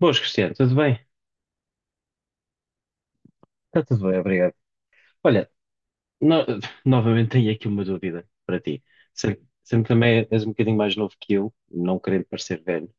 Boas, Cristiano, tudo bem? Está tudo bem, obrigado. Olha, no- novamente tenho aqui uma dúvida para ti. Sei que também és um bocadinho mais novo que eu, não querendo parecer velho.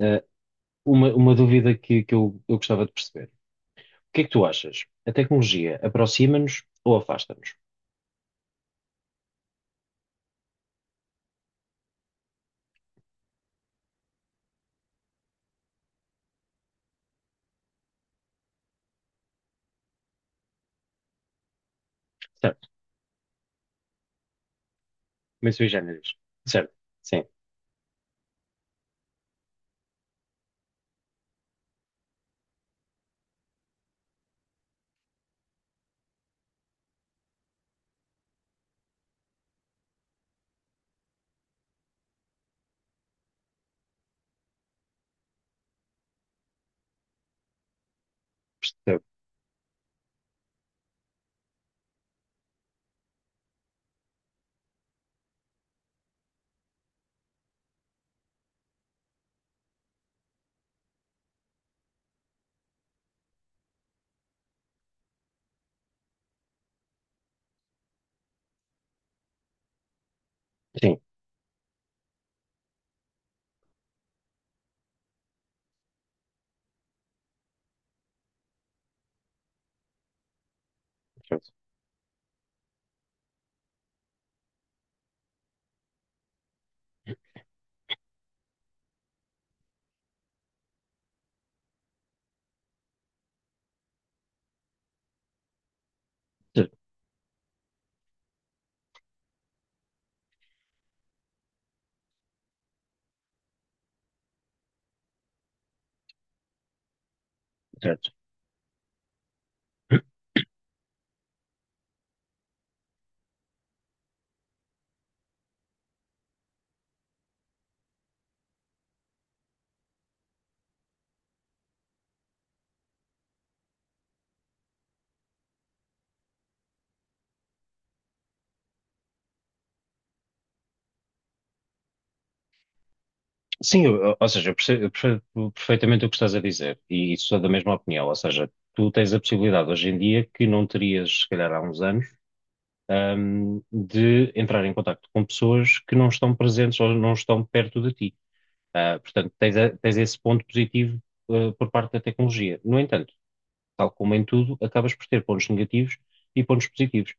Eh, uma dúvida que eu gostava de perceber. O que é que tu achas? A tecnologia aproxima-nos ou afasta-nos? Certo, como sui generis. Certo, sim, percebo. Sim, certo, certo, certo. Sim, ou seja, eu percebo perfeitamente o que estás a dizer e sou da mesma opinião. Ou seja, tu tens a possibilidade hoje em dia que não terias, se calhar, há uns anos, de entrar em contacto com pessoas que não estão presentes ou não estão perto de ti. Portanto, tens esse ponto positivo, por parte da tecnologia. No entanto, tal como em tudo, acabas por ter pontos negativos e pontos positivos.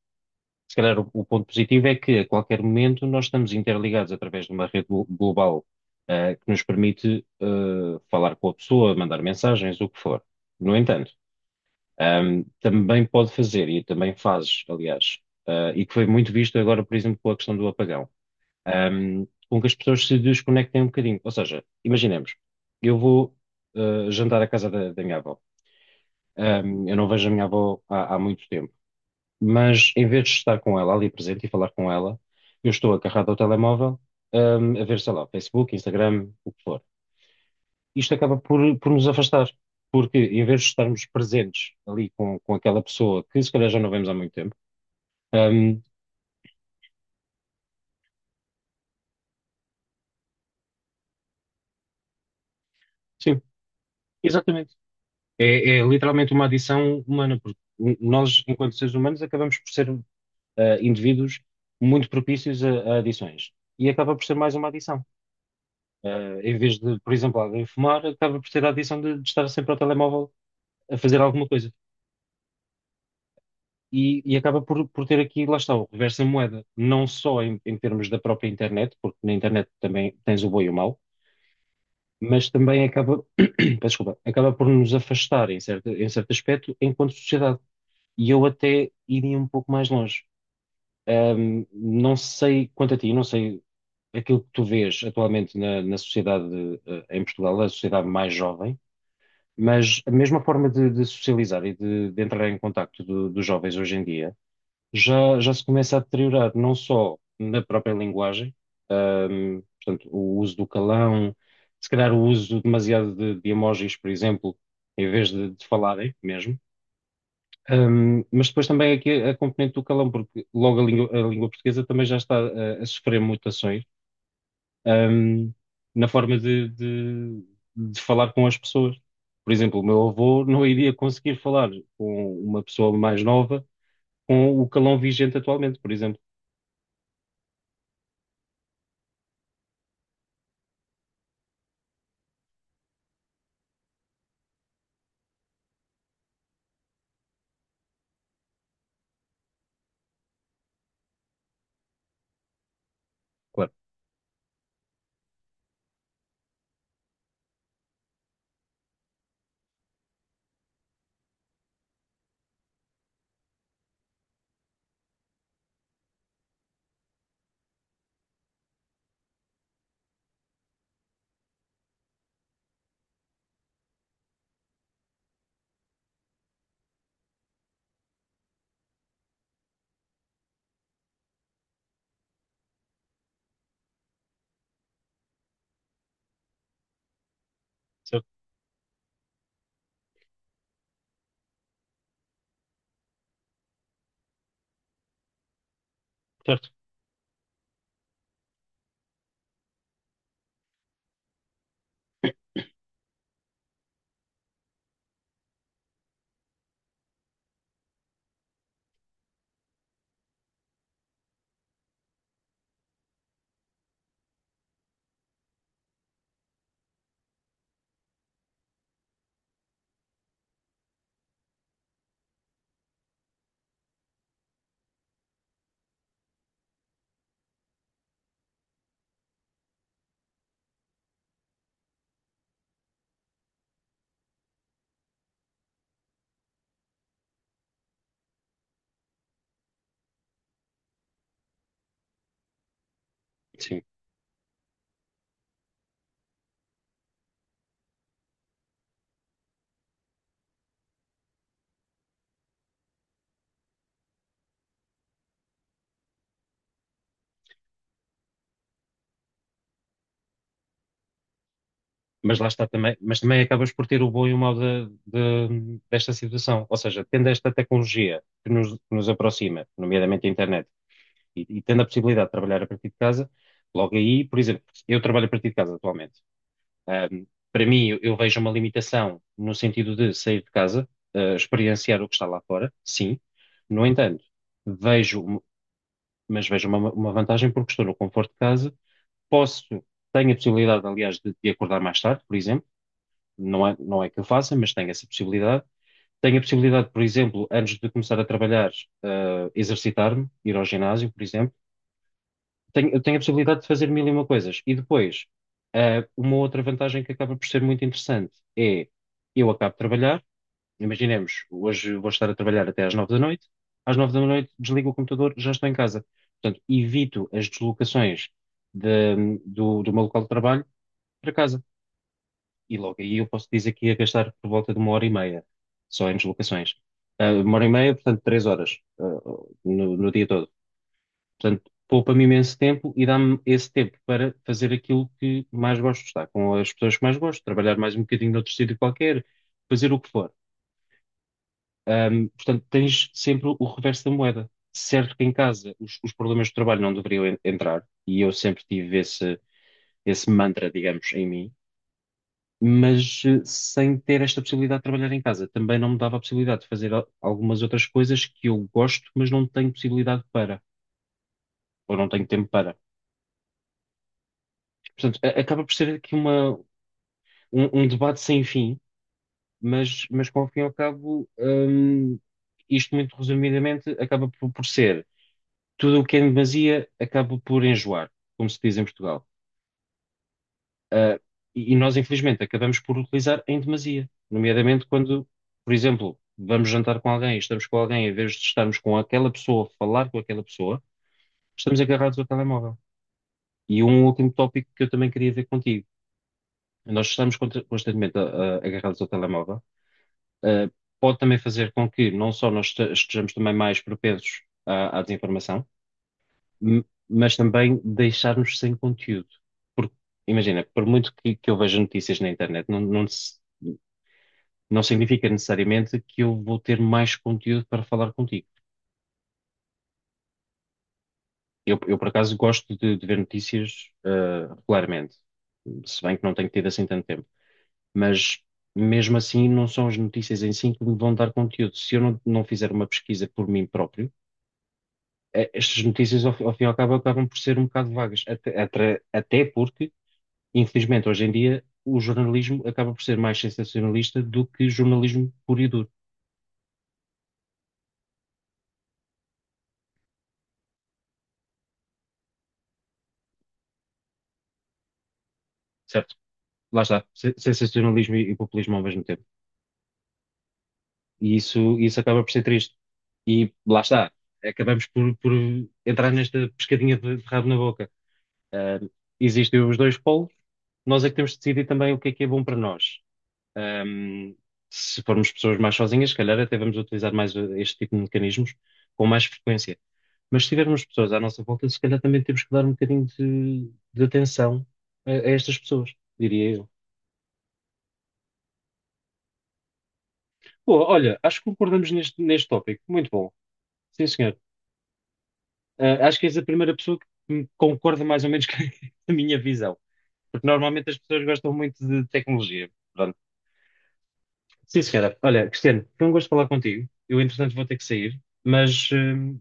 Se calhar o ponto positivo é que a qualquer momento nós estamos interligados através de uma rede global, que nos permite, falar com a pessoa, mandar mensagens, o que for. No entanto, também pode fazer, e também fazes, aliás, e que foi muito visto agora, por exemplo, com a questão do apagão, com que as pessoas se desconectem um bocadinho. Ou seja, imaginemos, eu vou jantar à casa da minha avó. Eu não vejo a minha avó há muito tempo, mas em vez de estar com ela ali presente e falar com ela, eu estou agarrado ao telemóvel, a ver, sei lá, Facebook, Instagram, o que for. Isto acaba por nos afastar, porque em vez de estarmos presentes ali com aquela pessoa que se calhar já não vemos há muito tempo. Hum, sim, exatamente. É, é literalmente uma adição humana, porque nós, enquanto seres humanos, acabamos por ser, indivíduos muito propícios a adições. E acaba por ser mais uma adição. Em vez de, por exemplo, alguém fumar, acaba por ter a adição de estar sempre ao telemóvel a fazer alguma coisa. E acaba por ter aqui, lá está, o reverso em moeda, não só em, em termos da própria internet, porque na internet também tens o bom e o mau, mas também acaba, peço desculpa, acaba por nos afastar em certo aspecto enquanto sociedade. E eu até iria um pouco mais longe. Não sei quanto a ti, não sei aquilo que tu vês atualmente na sociedade, em Portugal, a sociedade mais jovem. Mas a mesma forma de socializar e de entrar em contacto dos jovens hoje em dia já se começa a deteriorar, não só na própria linguagem, portanto, o uso do calão, se calhar o uso demasiado de emojis, por exemplo, em vez de falarem mesmo. Mas depois também aqui a componente do calão, porque logo a língua portuguesa também já está a sofrer mutações, ahm, na forma de falar com as pessoas. Por exemplo, o meu avô não iria conseguir falar com uma pessoa mais nova com o calão vigente atualmente, por exemplo. Claro. Certo, certo. Sim. Mas lá está também, mas também acabas por ter o bom e o mau desta situação. Ou seja, tendo esta tecnologia que nos aproxima, nomeadamente a internet, e tendo a possibilidade de trabalhar a partir de casa, logo aí, por exemplo, eu trabalho a partir de casa atualmente. Um, para mim, eu vejo uma limitação no sentido de sair de casa, experienciar o que está lá fora, sim. No entanto, vejo, mas vejo uma vantagem porque estou no conforto de casa, posso, tenho a possibilidade, aliás, de acordar mais tarde, por exemplo. Não é, não é que eu faça, mas tenho essa possibilidade. Tenho a possibilidade, por exemplo, antes de começar a trabalhar, exercitar-me, ir ao ginásio, por exemplo. Tenho, eu tenho a possibilidade de fazer mil e uma coisas. E depois, uma outra vantagem que acaba por ser muito interessante é: eu acabo de trabalhar, imaginemos, hoje vou estar a trabalhar até às nove da noite, às nove da noite desligo o computador, já estou em casa. Portanto, evito as deslocações do meu local de trabalho para casa. E logo aí eu posso dizer que ia gastar por volta de uma hora e meia só em deslocações. Uma hora e meia, portanto, três horas, no dia todo. Portanto, poupa-me imenso tempo e dá-me esse tempo para fazer aquilo que mais gosto, estar com as pessoas que mais gosto, trabalhar mais um bocadinho noutro sítio qualquer, fazer o que for. Portanto, tens sempre o reverso da moeda. Certo que em casa os problemas de trabalho não deveriam entrar, e eu sempre tive esse mantra, digamos, em mim, mas sem ter esta possibilidade de trabalhar em casa, também não me dava a possibilidade de fazer algumas outras coisas que eu gosto, mas não tenho possibilidade para, ou não tenho tempo para. Portanto, acaba por ser aqui uma, um debate sem fim, mas que ao fim e ao cabo, isto muito resumidamente acaba por ser tudo o que é em demasia acaba por enjoar, como se diz em Portugal. Ah, e nós, infelizmente, acabamos por utilizar em demasia, nomeadamente quando, por exemplo, vamos jantar com alguém, estamos com alguém, em vez de estarmos com aquela pessoa, falar com aquela pessoa, estamos agarrados ao telemóvel. E um último tópico que eu também queria ver contigo. Nós estamos constantemente agarrados ao telemóvel. Uh, pode também fazer com que não só nós estejamos também mais propensos à desinformação, m- mas também deixarmos sem conteúdo. Porque, imagina, por muito que eu veja notícias na internet, não significa necessariamente que eu vou ter mais conteúdo para falar contigo. Eu, por acaso, gosto de ver notícias, regularmente, se bem que não tenho tido assim tanto tempo. Mas, mesmo assim, não são as notícias em si que me vão dar conteúdo. Se eu não fizer uma pesquisa por mim próprio, estas notícias, ao fim e ao cabo, acabam por ser um bocado vagas. Até porque, infelizmente, hoje em dia, o jornalismo acaba por ser mais sensacionalista do que jornalismo puro e duro, certo? Lá está, sensacionalismo e populismo ao mesmo tempo. E isso acaba por ser triste. E lá está, acabamos por entrar nesta pescadinha de rabo na boca. Ah, existem os dois polos, nós é que temos de decidir também o que é bom para nós. Um, se formos pessoas mais sozinhas, se calhar até vamos utilizar mais este tipo de mecanismos com mais frequência. Mas se tivermos pessoas à nossa volta, se calhar também temos que dar um bocadinho de atenção a estas pessoas, diria eu. Boa, olha, acho que concordamos neste tópico. Muito bom. Sim, senhor. Acho que és a primeira pessoa que me concorda mais ou menos com a minha visão. Porque normalmente as pessoas gostam muito de tecnologia. Pronto. Sim, senhora. Olha, Cristiano, foi um gosto falar contigo. Eu, entretanto, vou ter que sair, mas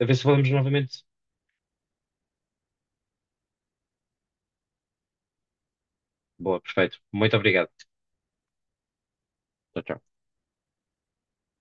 a ver se falamos novamente. Boa, perfeito. Muito obrigado. Tchau, tchau.